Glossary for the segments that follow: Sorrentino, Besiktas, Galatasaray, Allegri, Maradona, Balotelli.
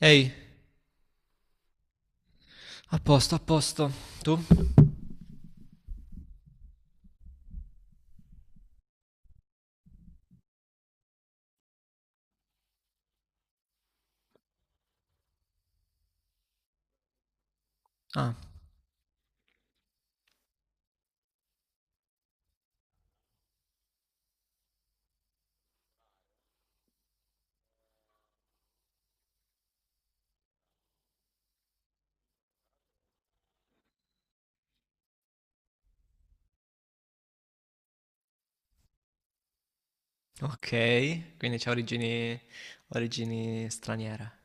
Ehi, a posto, a posto. Tu? Ah, ok. Quindi c'ha origini straniere.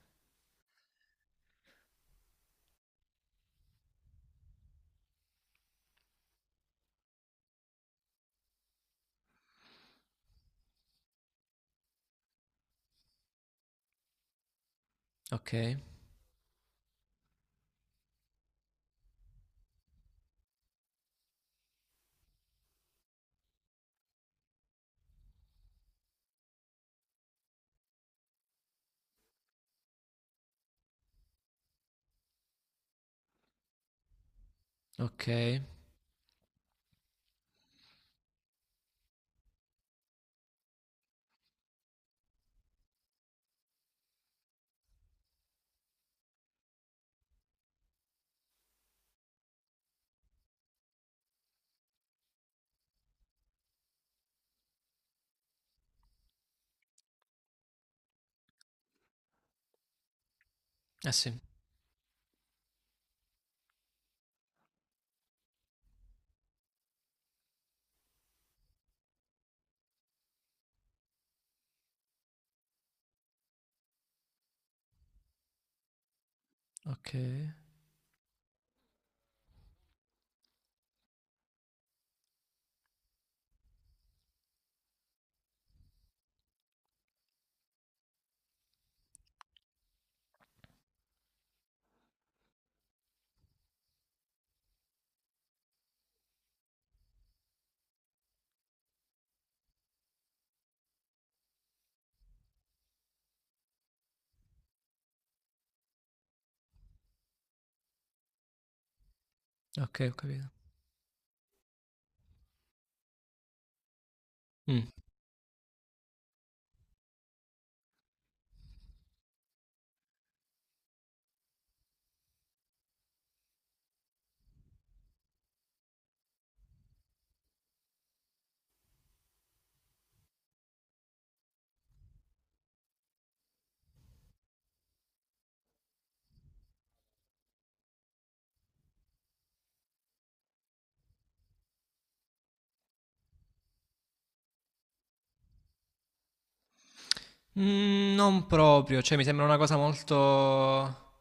Ok, ok. Eh sì, ok, ok, ho capito. Mm. Mm, non proprio, cioè mi sembra una cosa molto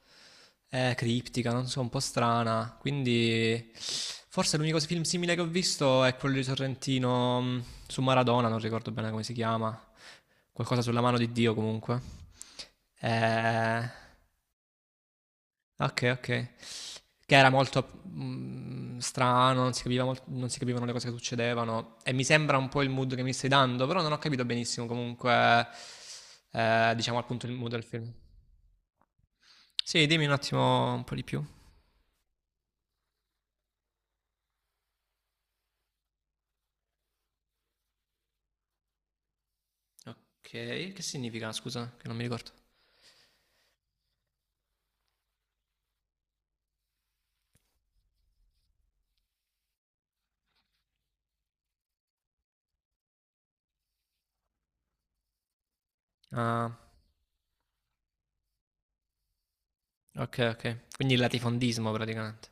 criptica, non so, un po' strana. Quindi forse l'unico film simile che ho visto è quello di Sorrentino su Maradona, non ricordo bene come si chiama. Qualcosa sulla mano di Dio comunque. Eh... Okay, okay. Che era molto, strano, non si capivano le cose che succedevano e mi sembra un po' il mood che mi stai dando, però non ho capito benissimo comunque, diciamo appunto il mood del film. Sì, dimmi un attimo un po' di più. Okay, che significa scusa? Che non mi ricordo. Ah, okay, okay. Quindi il latifondismo praticamente.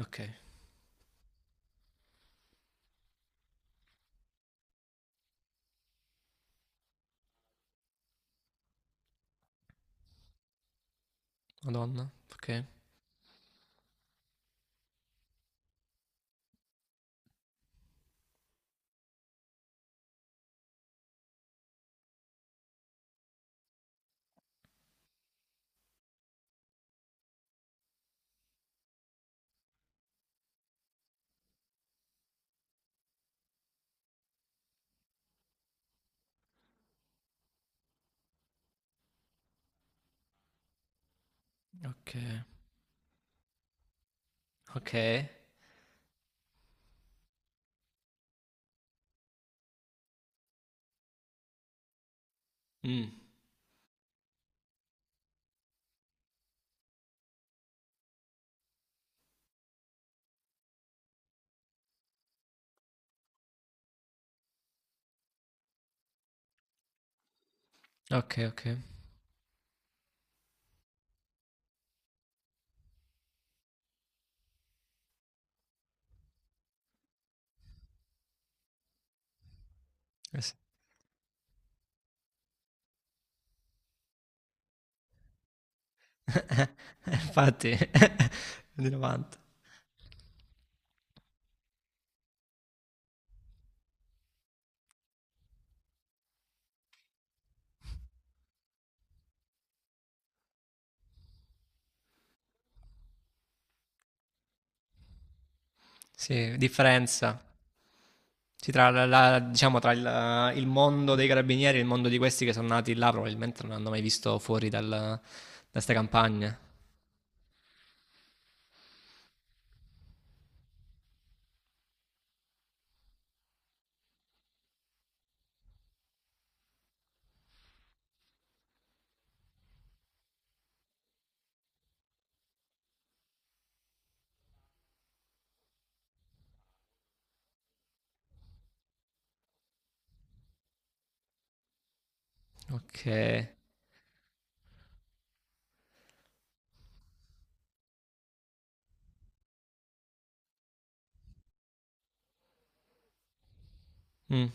Okay. Madonna, okay, okay, okay. Mh, okay, okay. Eh sì. Infatti andiamo avanti. Sì, differenza. Sì, diciamo, tra il mondo dei carabinieri e il mondo di questi che sono nati là, probabilmente non hanno mai visto fuori da queste campagne. Ok. Mm.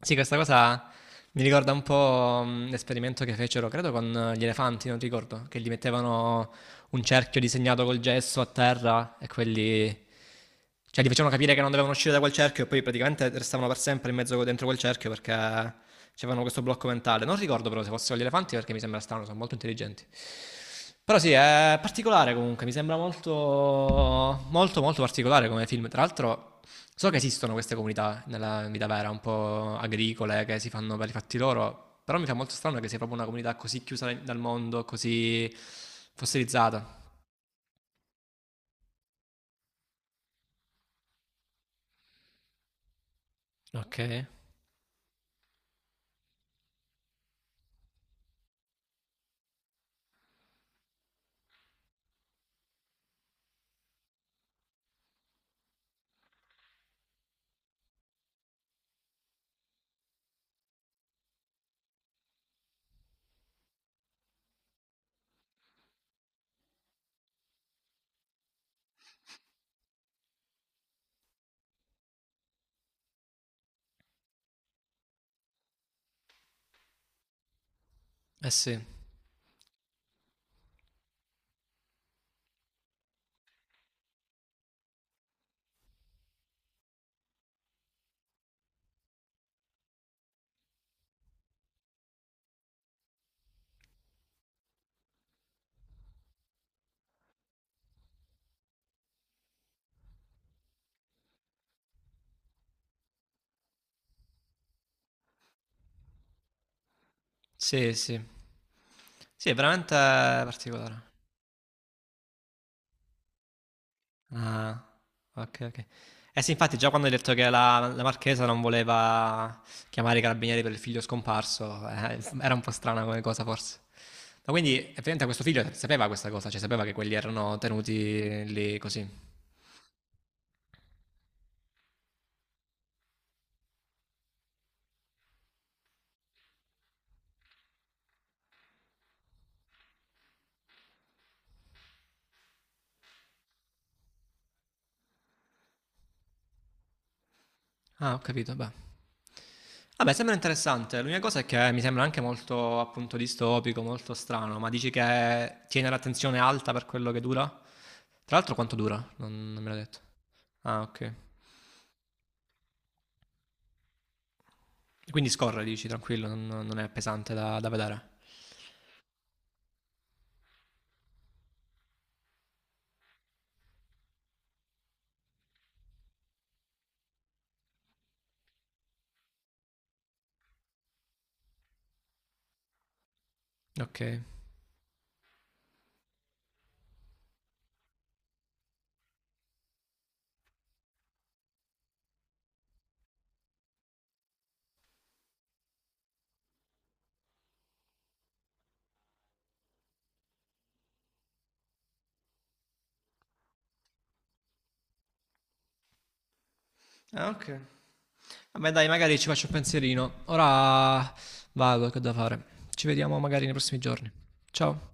Sì, questa cosa mi ricorda un po' l'esperimento che fecero, credo, con gli elefanti, non ricordo, che gli mettevano un cerchio disegnato col gesso a terra e quelli... Cioè, gli facevano capire che non dovevano uscire da quel cerchio e poi praticamente restavano per sempre in mezzo dentro quel cerchio perché avevano questo blocco mentale. Non ricordo però se fossero gli elefanti perché mi sembra strano, sono molto intelligenti. Però sì, è particolare comunque, mi sembra molto, molto, molto particolare come film. Tra l'altro, so che esistono queste comunità nella vita vera, un po' agricole, che si fanno per i fatti loro, però mi fa molto strano che sia proprio una comunità così chiusa dal mondo, così fossilizzata. Ok, eh sì, sì, sì. Sì, è veramente particolare. Ah, ok, ok. Eh sì, infatti già quando hai detto che la Marchesa non voleva chiamare i carabinieri per il figlio scomparso, era un po' strana come cosa forse. Ma quindi effettivamente questo figlio sapeva questa cosa, cioè sapeva che quelli erano tenuti lì così. Ah, ho capito, beh. Vabbè, sembra interessante. L'unica cosa è che mi sembra anche molto appunto distopico, molto strano, ma dici che tiene l'attenzione alta per quello che dura? Tra l'altro quanto dura? Non me l'ha detto. Ah, ok. Quindi scorre, dici, tranquillo, non è pesante da vedere. Ok. Ah, ok. Vabbè, dai, magari ci faccio un pensierino. Ora vado, che ho da fare. Ci vediamo magari nei prossimi giorni. Ciao.